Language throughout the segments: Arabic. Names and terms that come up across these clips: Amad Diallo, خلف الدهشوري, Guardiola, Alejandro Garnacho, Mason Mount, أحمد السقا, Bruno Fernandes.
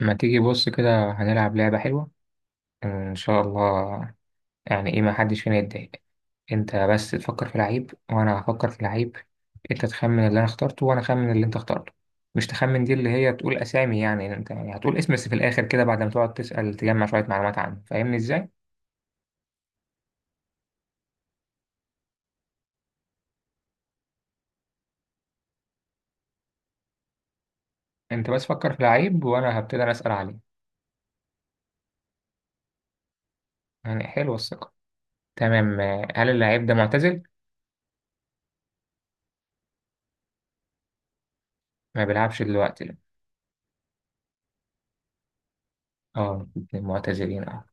ما تيجي بص كده، هنلعب لعبة حلوة. آه، إن شاء الله. يعني إيه؟ ما حدش فينا يتضايق. أنت بس تفكر في لعيب وأنا هفكر في لعيب. أنت تخمن اللي أنا اخترته وأنا أخمن اللي أنت اخترته. مش تخمن دي اللي هي تقول أسامي، يعني أنت يعني هتقول اسم بس في الآخر كده بعد ما تقعد تسأل تجمع شوية معلومات عنه، فاهمني إزاي؟ أنت بس فكر في لعيب وأنا هبتدي أنا أسأل عليه. يعني حلوة الثقة. تمام. هل اللعيب ده معتزل؟ ما بيلعبش دلوقتي، لا. أه. معتزلين، أه.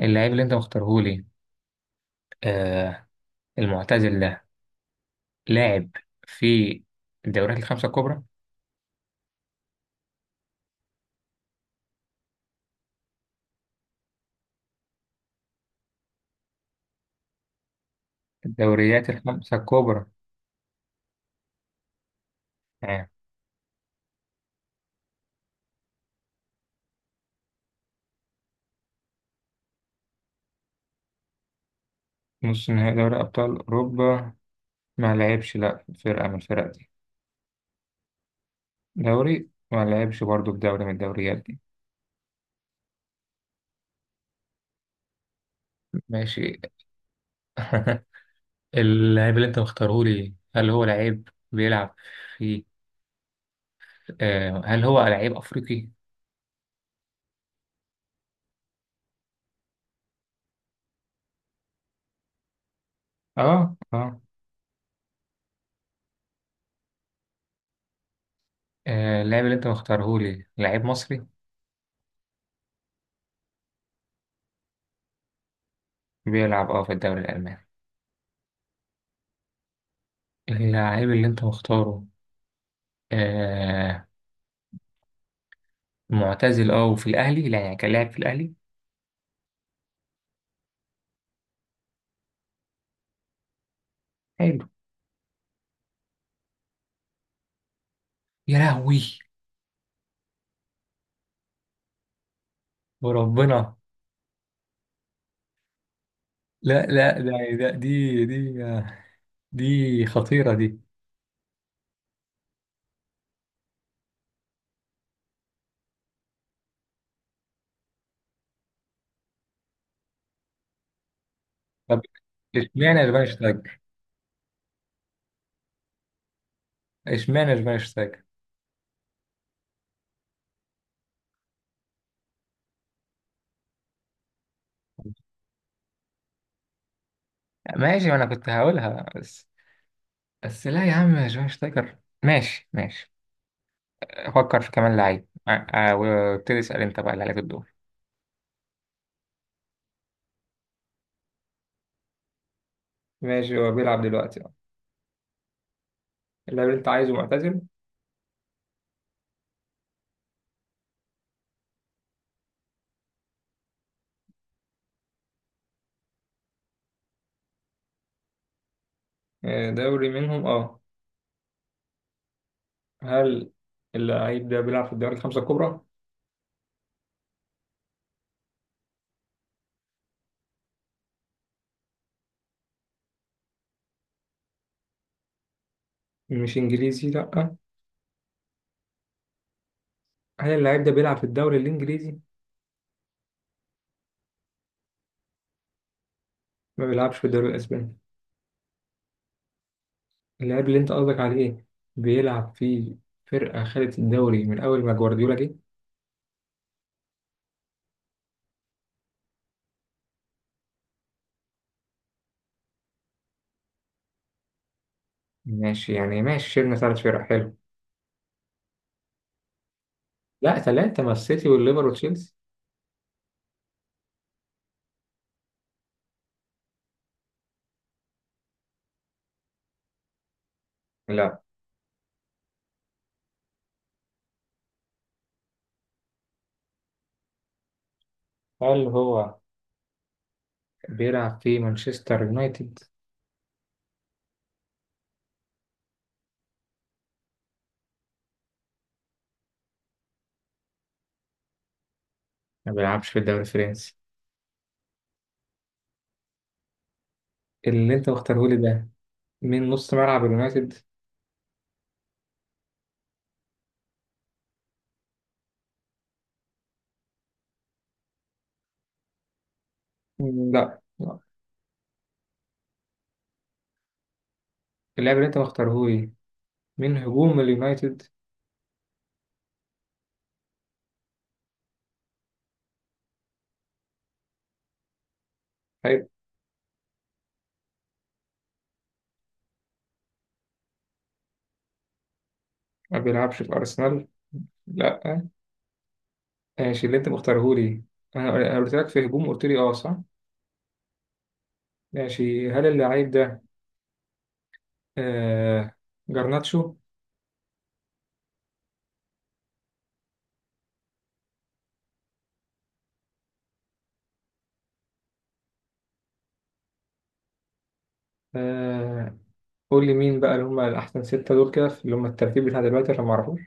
اللعيب اللي أنت مختارهولي. آه. المعتزل ده. لاعب في الدوريات الخمسة الكبرى. الدوريات الخمسة الكبرى. تمام. نص نهائي دوري أبطال أوروبا. ما لعبش لا في فرقة من الفرق دي. دوري، ما لعبش برضه في دوري من الدوريات دي. ماشي. اللاعب اللي أنت مختاره لي، هل هو لعيب بيلعب في آه هل هو لعيب أفريقي؟ آه، آه. آه، اللاعب اللي أنت مختاره لي لعيب مصري. بيلعب في الدوري الألماني. اللاعب اللي أنت مختاره. آه. معتزل اه، وفي الاهلي لا، يعني كان لاعب في الاهلي. حلو. يا لهوي. وربنا. لا، لا، ده. دي، دي خطيره دي. طب، اشمعنى شفاينشتايجر؟ اشمعنى شفاينشتايجر؟ ماشي، ما انا كنت هقولها بس. بس لا يا عم، شفاينشتايجر، ماشي ماشي. فكر في كمان لعيب، وابتدي اسال انت بقى، اللي عليك الدور. ماشي، هو بيلعب دلوقتي، اه. اللاعب اللي انت عايزه معتزل؟ آه، دوري منهم، اه. هل اللعيب ده بيلعب في الدوري الخمسة الكبرى؟ مش انجليزي، لا. هل اللاعب ده بيلعب في الدوري الانجليزي؟ ما بيلعبش في الدوري الاسباني. اللاعب اللي انت قصدك عليه بيلعب في فرقه خدت الدوري من اول ما جوارديولا جه. ماشي يعني، ماشي، شيلنا ثلاث فرق، حلو. لا ثلاثه، ما السيتي والليفر وتشيلسي. لا. هل هو بيلعب في مانشستر يونايتد؟ ما بيلعبش في الدوري الفرنسي. اللي انت مختارهولي ده من نص ملعب اليونايتد. لا، لا. اللاعب اللي انت مختارهولي من هجوم اليونايتد. طيب. ما بيلعبش في أرسنال، لا. ماشي. اللي أنت مختاره لي، أنا قلت لك في هجوم، قلت لي أه، صح. ماشي، هل اللعيب ده آه جرناتشو؟ آه، قول لي مين بقى اللي هم الأحسن ستة دول كده، اللي هم الترتيب بتاع دلوقتي عشان ما أعرفوش.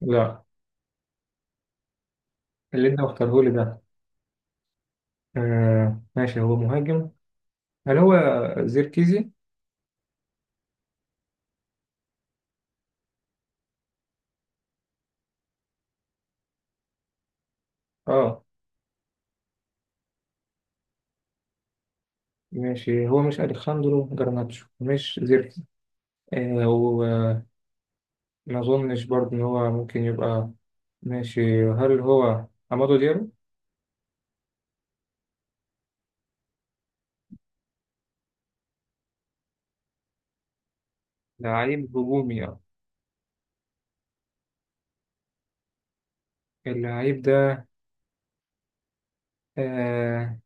لا. اللي أنت مختاره لي ده. آه، ماشي، هو مهاجم. هل هو زيركيزي؟ أه. ماشي، هو مش أليخاندرو جرناتشو، مش زيركيزي. آه. ما أظنش برضه إن هو ممكن يبقى. ماشي، هل هو عمادو ديالو؟ لعيب هجومي، اه. اللعيب ده. آه.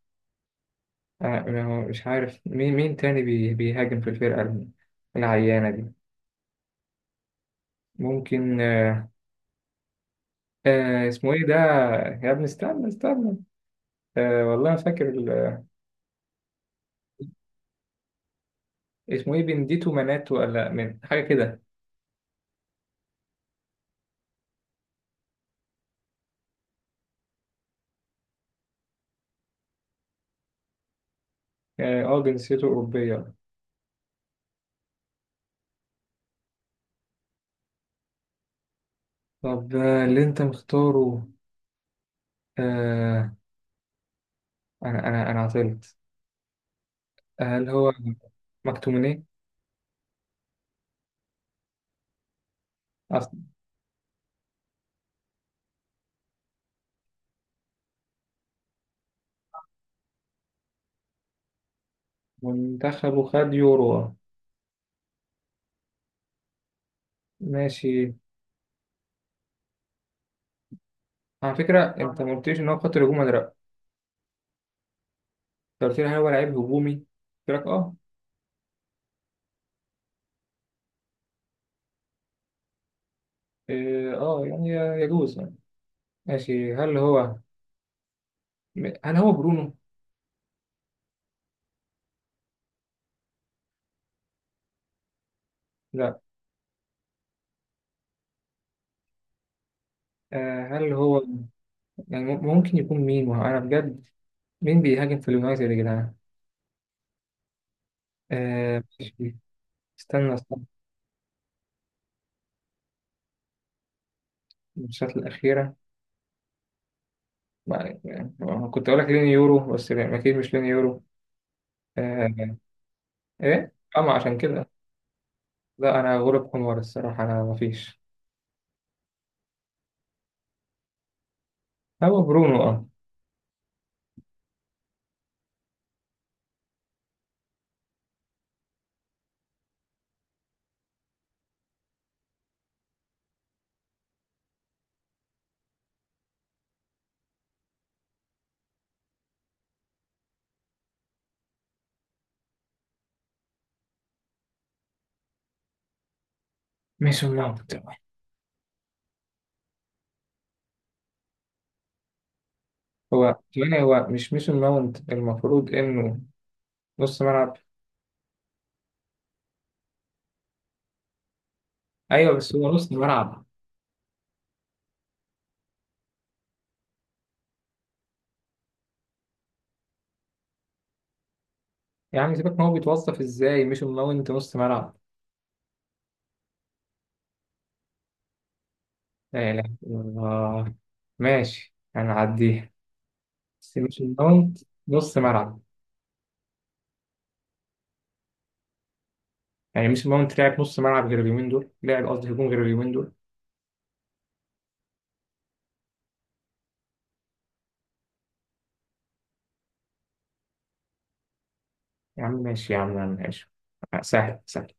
آه، ما هو مش عارف مين تاني بيهاجم في الفرقة العيانة دي. ممكن، آه. آه، اسمه ايه ده؟ يا ابني، استنى استنى. آه، والله ما فاكر. اسمه ايه؟ بنديتو مناتو، ولا من حاجة كده؟ اه. آه، جنسيته أوروبية. طب، اللي انت مختاره. آه، انا عطلت. هل هو مكتوميني؟ اصلا. منتخبه خد يورو، آه. ماشي. على فكره انت ما قلتليش ان هو خط الهجوم ولا لا. انت قلت لي هل هو لعيب هجومي، قلت لك اه. إيه، اه يعني. يجوز يعني. ماشي، هل هو برونو؟ لا. آه، هل هو. يعني ممكن يكون مين؟ ما هو انا بجد، مين بيهاجم في اليونايتد يا جدعان؟ آه، ماشي. استنى استنى. الماتشات الاخيره. يعني، كنت اقول لك لين يورو بس لا، اكيد مش لين يورو. آه. ايه. اما عشان كده. لا، انا غلب حمار الصراحه، انا مفيش. هو برونو، اه. ميسون ماونت. هو يعني هو مش ميسون ماونت؟ المفروض انه نص ملعب. ايوه، بس هو نص ملعب. يعني سيبك، ما هو بيتوظف ازاي ميسون ماونت نص ملعب. لا اله الا الله. ماشي، هنعديها. بس ميسون ماونت نص ملعب. يعني ميسون ماونت لعب نص ملعب غير اليومين دول، لعب قصدي هجوم غير اليومين دول. يا عم ماشي يا عم، يا عم ماشي. آه، سهل سهل.